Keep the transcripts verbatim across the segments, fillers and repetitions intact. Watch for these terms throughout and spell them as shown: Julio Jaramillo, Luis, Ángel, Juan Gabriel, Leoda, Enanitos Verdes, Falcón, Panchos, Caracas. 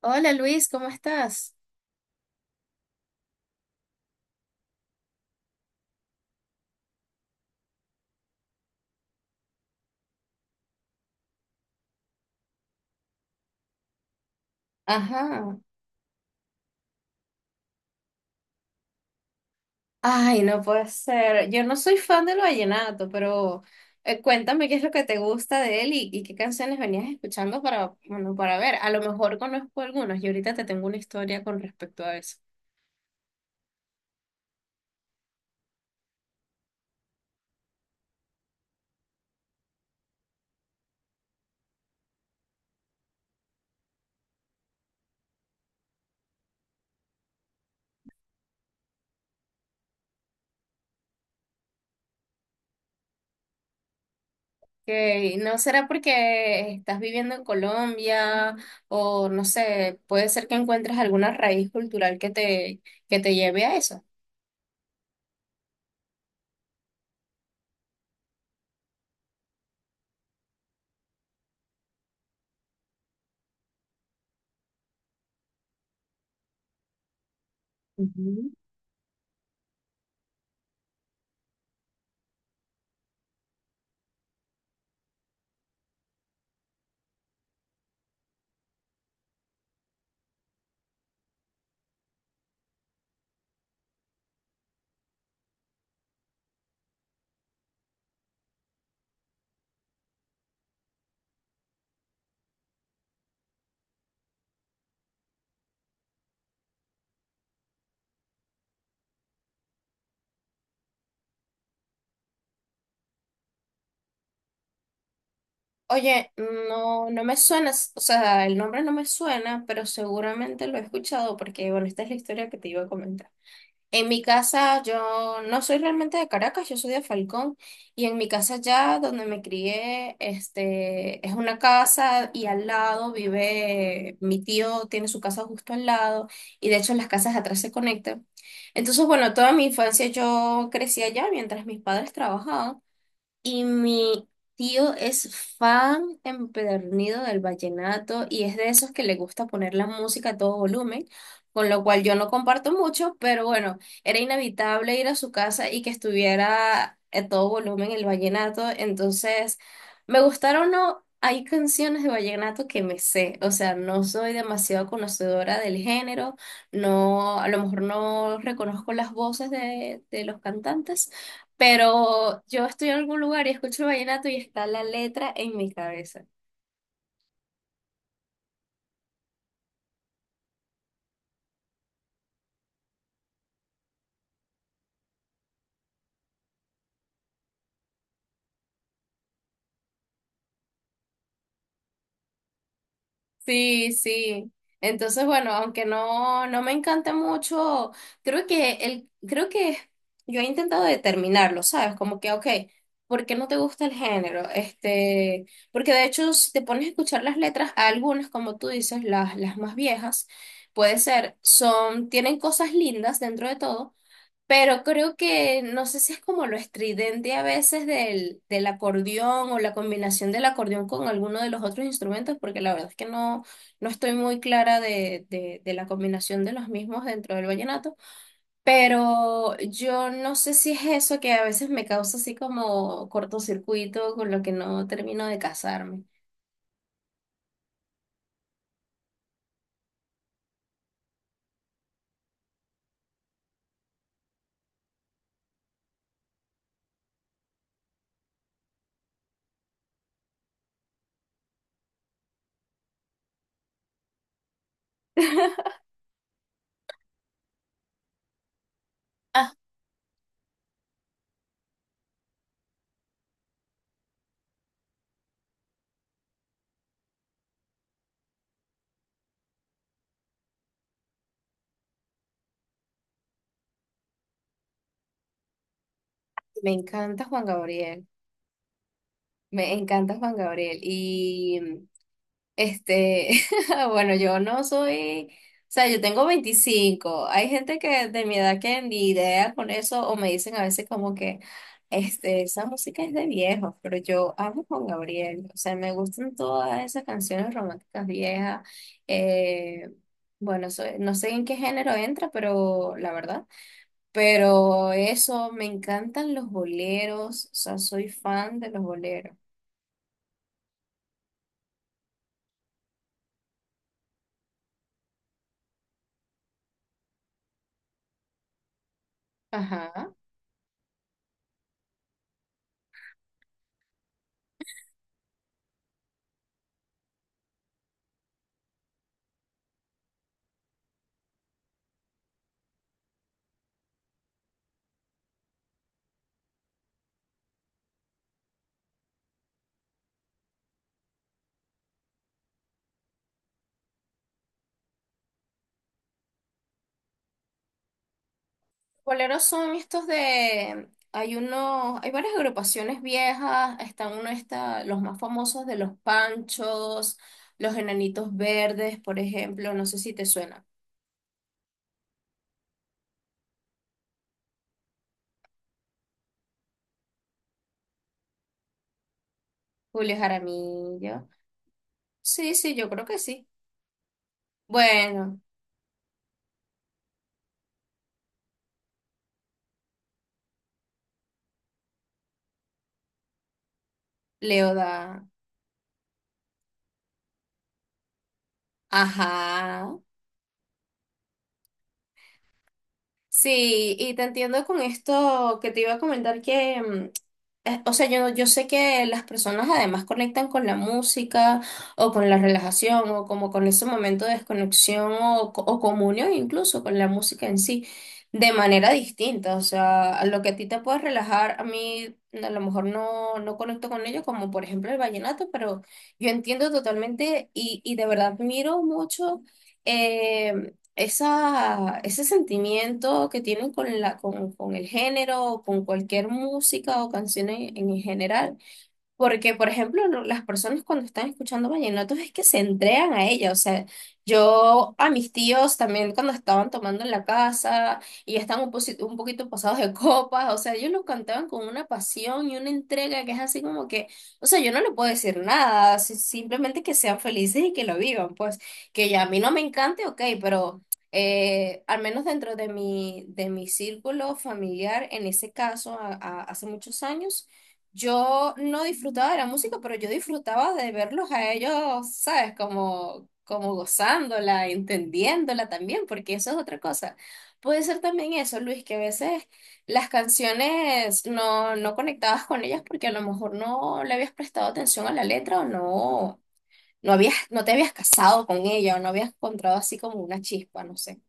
Hola Luis, ¿cómo estás? Ajá. Ay, no puede ser. Yo no soy fan del vallenato, pero eh, cuéntame qué es lo que te gusta de él y, y qué canciones venías escuchando para, bueno, para ver. A lo mejor conozco algunos y ahorita te tengo una historia con respecto a eso. Que no será porque estás viviendo en Colombia o no sé, puede ser que encuentres alguna raíz cultural que te, que te lleve a eso. Oye, no, no me suena, s- o sea, el nombre no me suena, pero seguramente lo he escuchado porque, bueno, esta es la historia que te iba a comentar. En mi casa, yo no soy realmente de Caracas, yo soy de Falcón, y en mi casa ya donde me crié, este, es una casa y al lado vive mi tío, tiene su casa justo al lado, y de hecho las casas atrás se conectan. Entonces, bueno, toda mi infancia yo crecí allá mientras mis padres trabajaban. Y mi tío es fan empedernido del vallenato y es de esos que le gusta poner la música a todo volumen, con lo cual yo no comparto mucho, pero bueno, era inevitable ir a su casa y que estuviera a todo volumen el vallenato. Entonces, me gustaron o no, hay canciones de vallenato que me sé, o sea, no soy demasiado conocedora del género, no, a lo mejor no reconozco las voces de, de los cantantes, pero yo estoy en algún lugar y escucho vallenato y está la letra en mi cabeza. Sí, sí. Entonces, bueno, aunque no, no me encanta mucho, creo que el, creo que yo he intentado determinarlo, ¿sabes? Como que, ok, ¿por qué no te gusta el género? Este, porque de hecho, si te pones a escuchar las letras, algunas, como tú dices, las, las más viejas, puede ser, son, tienen cosas lindas dentro de todo. Pero creo que no sé si es como lo estridente a veces del, del acordeón o la combinación del acordeón con alguno de los otros instrumentos, porque la verdad es que no, no estoy muy clara de, de, de la combinación de los mismos dentro del vallenato, pero yo no sé si es eso que a veces me causa así como cortocircuito con lo que no termino de casarme. Ah, me encanta Juan Gabriel, me encanta Juan Gabriel. Este, bueno, yo no soy, o sea, yo tengo veinticinco. Hay gente que de mi edad que ni idea con eso o me dicen a veces como que, este, esa música es de viejos, pero yo amo Juan Gabriel. O sea, me gustan todas esas canciones románticas viejas. Eh, bueno, soy- no sé en qué género entra, pero la verdad. Pero eso, me encantan los boleros. O sea, soy fan de los boleros. Ajá. Boleros son estos de, hay uno, hay varias agrupaciones viejas, están uno está, los más famosos de los Panchos, los Enanitos Verdes, por ejemplo, no sé si te suena. Julio Jaramillo. Sí, sí, yo creo que sí. Bueno, Leoda. Ajá. Sí, y te entiendo con esto que te iba a comentar que mm, eh, o sea, yo, yo sé que las personas además conectan con la música o con la relajación o como con ese momento de desconexión o, co- o comunión incluso con la música en sí de manera distinta. O sea, a lo que a ti te puede relajar, a mí a lo mejor no, no conecto con ello, como por ejemplo el vallenato, pero yo entiendo totalmente y, y de verdad admiro mucho eh, esa, ese sentimiento que tienen con la, con, con el género o con cualquier música o canción en, en general. Porque, por ejemplo, lo- las personas cuando están escuchando vallenatos es que se entregan a ella. O sea, yo a mis tíos también cuando estaban tomando en la casa y ya estaban un, posi- un poquito pasados de copas, o sea, ellos lo cantaban con una pasión y una entrega que es así como que, o sea, yo no le puedo decir nada, si- simplemente que sean felices y que lo vivan. Pues que ya a mí no me encante, ok, pero eh, al menos dentro de mi, de mi círculo familiar, en ese caso, a- a- hace muchos años. Yo no disfrutaba de la música, pero yo disfrutaba de verlos a ellos, ¿sabes? Como, como gozándola, entendiéndola también, porque eso es otra cosa. Puede ser también eso, Luis, que a veces las canciones no, no conectabas con ellas porque a lo mejor no le habías prestado atención a la letra o no, no habías, no te habías casado con ella o no habías encontrado así como una chispa, no sé.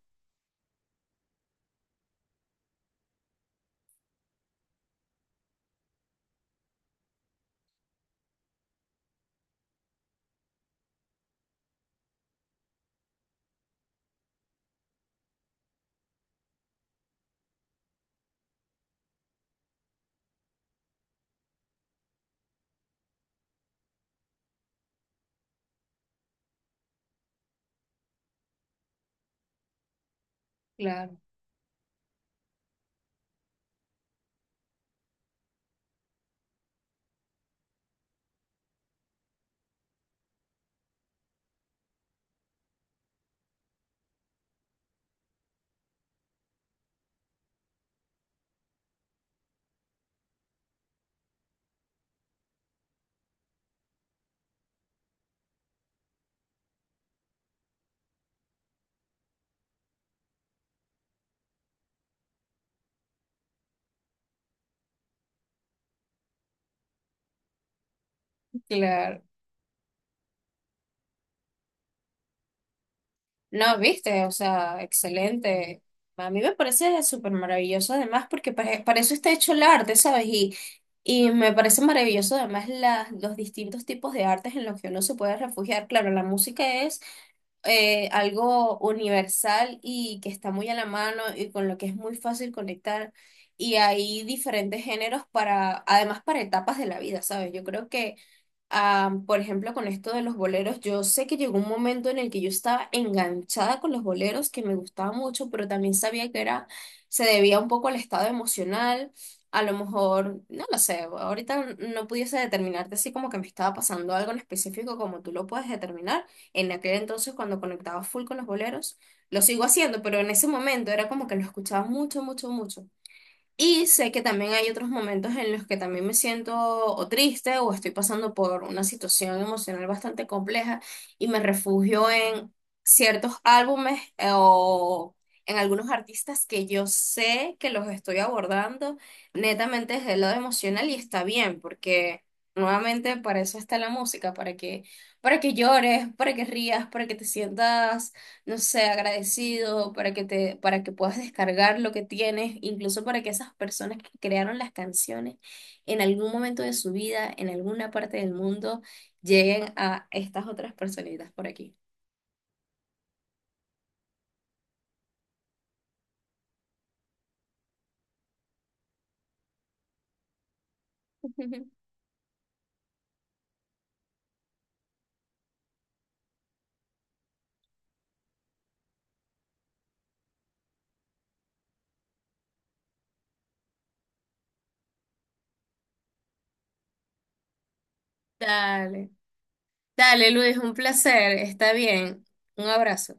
Claro, claro. No, viste, o sea, excelente. A mí me parece súper maravilloso además porque pa- para eso está hecho el arte, ¿sabes? Y, y me parece maravilloso además las, los distintos tipos de artes en los que uno se puede refugiar. Claro, la música es eh, algo universal y que está muy a la mano y con lo que es muy fácil conectar. Y hay diferentes géneros para, además para etapas de la vida, ¿sabes? Yo creo que ah, por ejemplo, con esto de los boleros, yo sé que llegó un momento en el que yo estaba enganchada con los boleros, que me gustaba mucho, pero también sabía que era, se debía un poco al estado emocional. A lo mejor, no lo sé, ahorita no pudiese determinarte así como que me estaba pasando algo en específico como tú lo puedes determinar. En aquel entonces cuando conectaba full con los boleros, lo sigo haciendo, pero en ese momento era como que lo escuchaba mucho, mucho, mucho. Y sé que también hay otros momentos en los que también me siento o triste o estoy pasando por una situación emocional bastante compleja y me refugio en ciertos álbumes, eh, o en algunos artistas que yo sé que los estoy abordando netamente desde el lado emocional y está bien porque nuevamente para eso está la música, para que para que llores, para que rías, para que te sientas, no sé, agradecido, para que te, para que puedas descargar lo que tienes, incluso para que esas personas que crearon las canciones en algún momento de su vida, en alguna parte del mundo, lleguen a estas otras personitas por aquí. Dale, dale Luis, un placer, está bien. Un abrazo.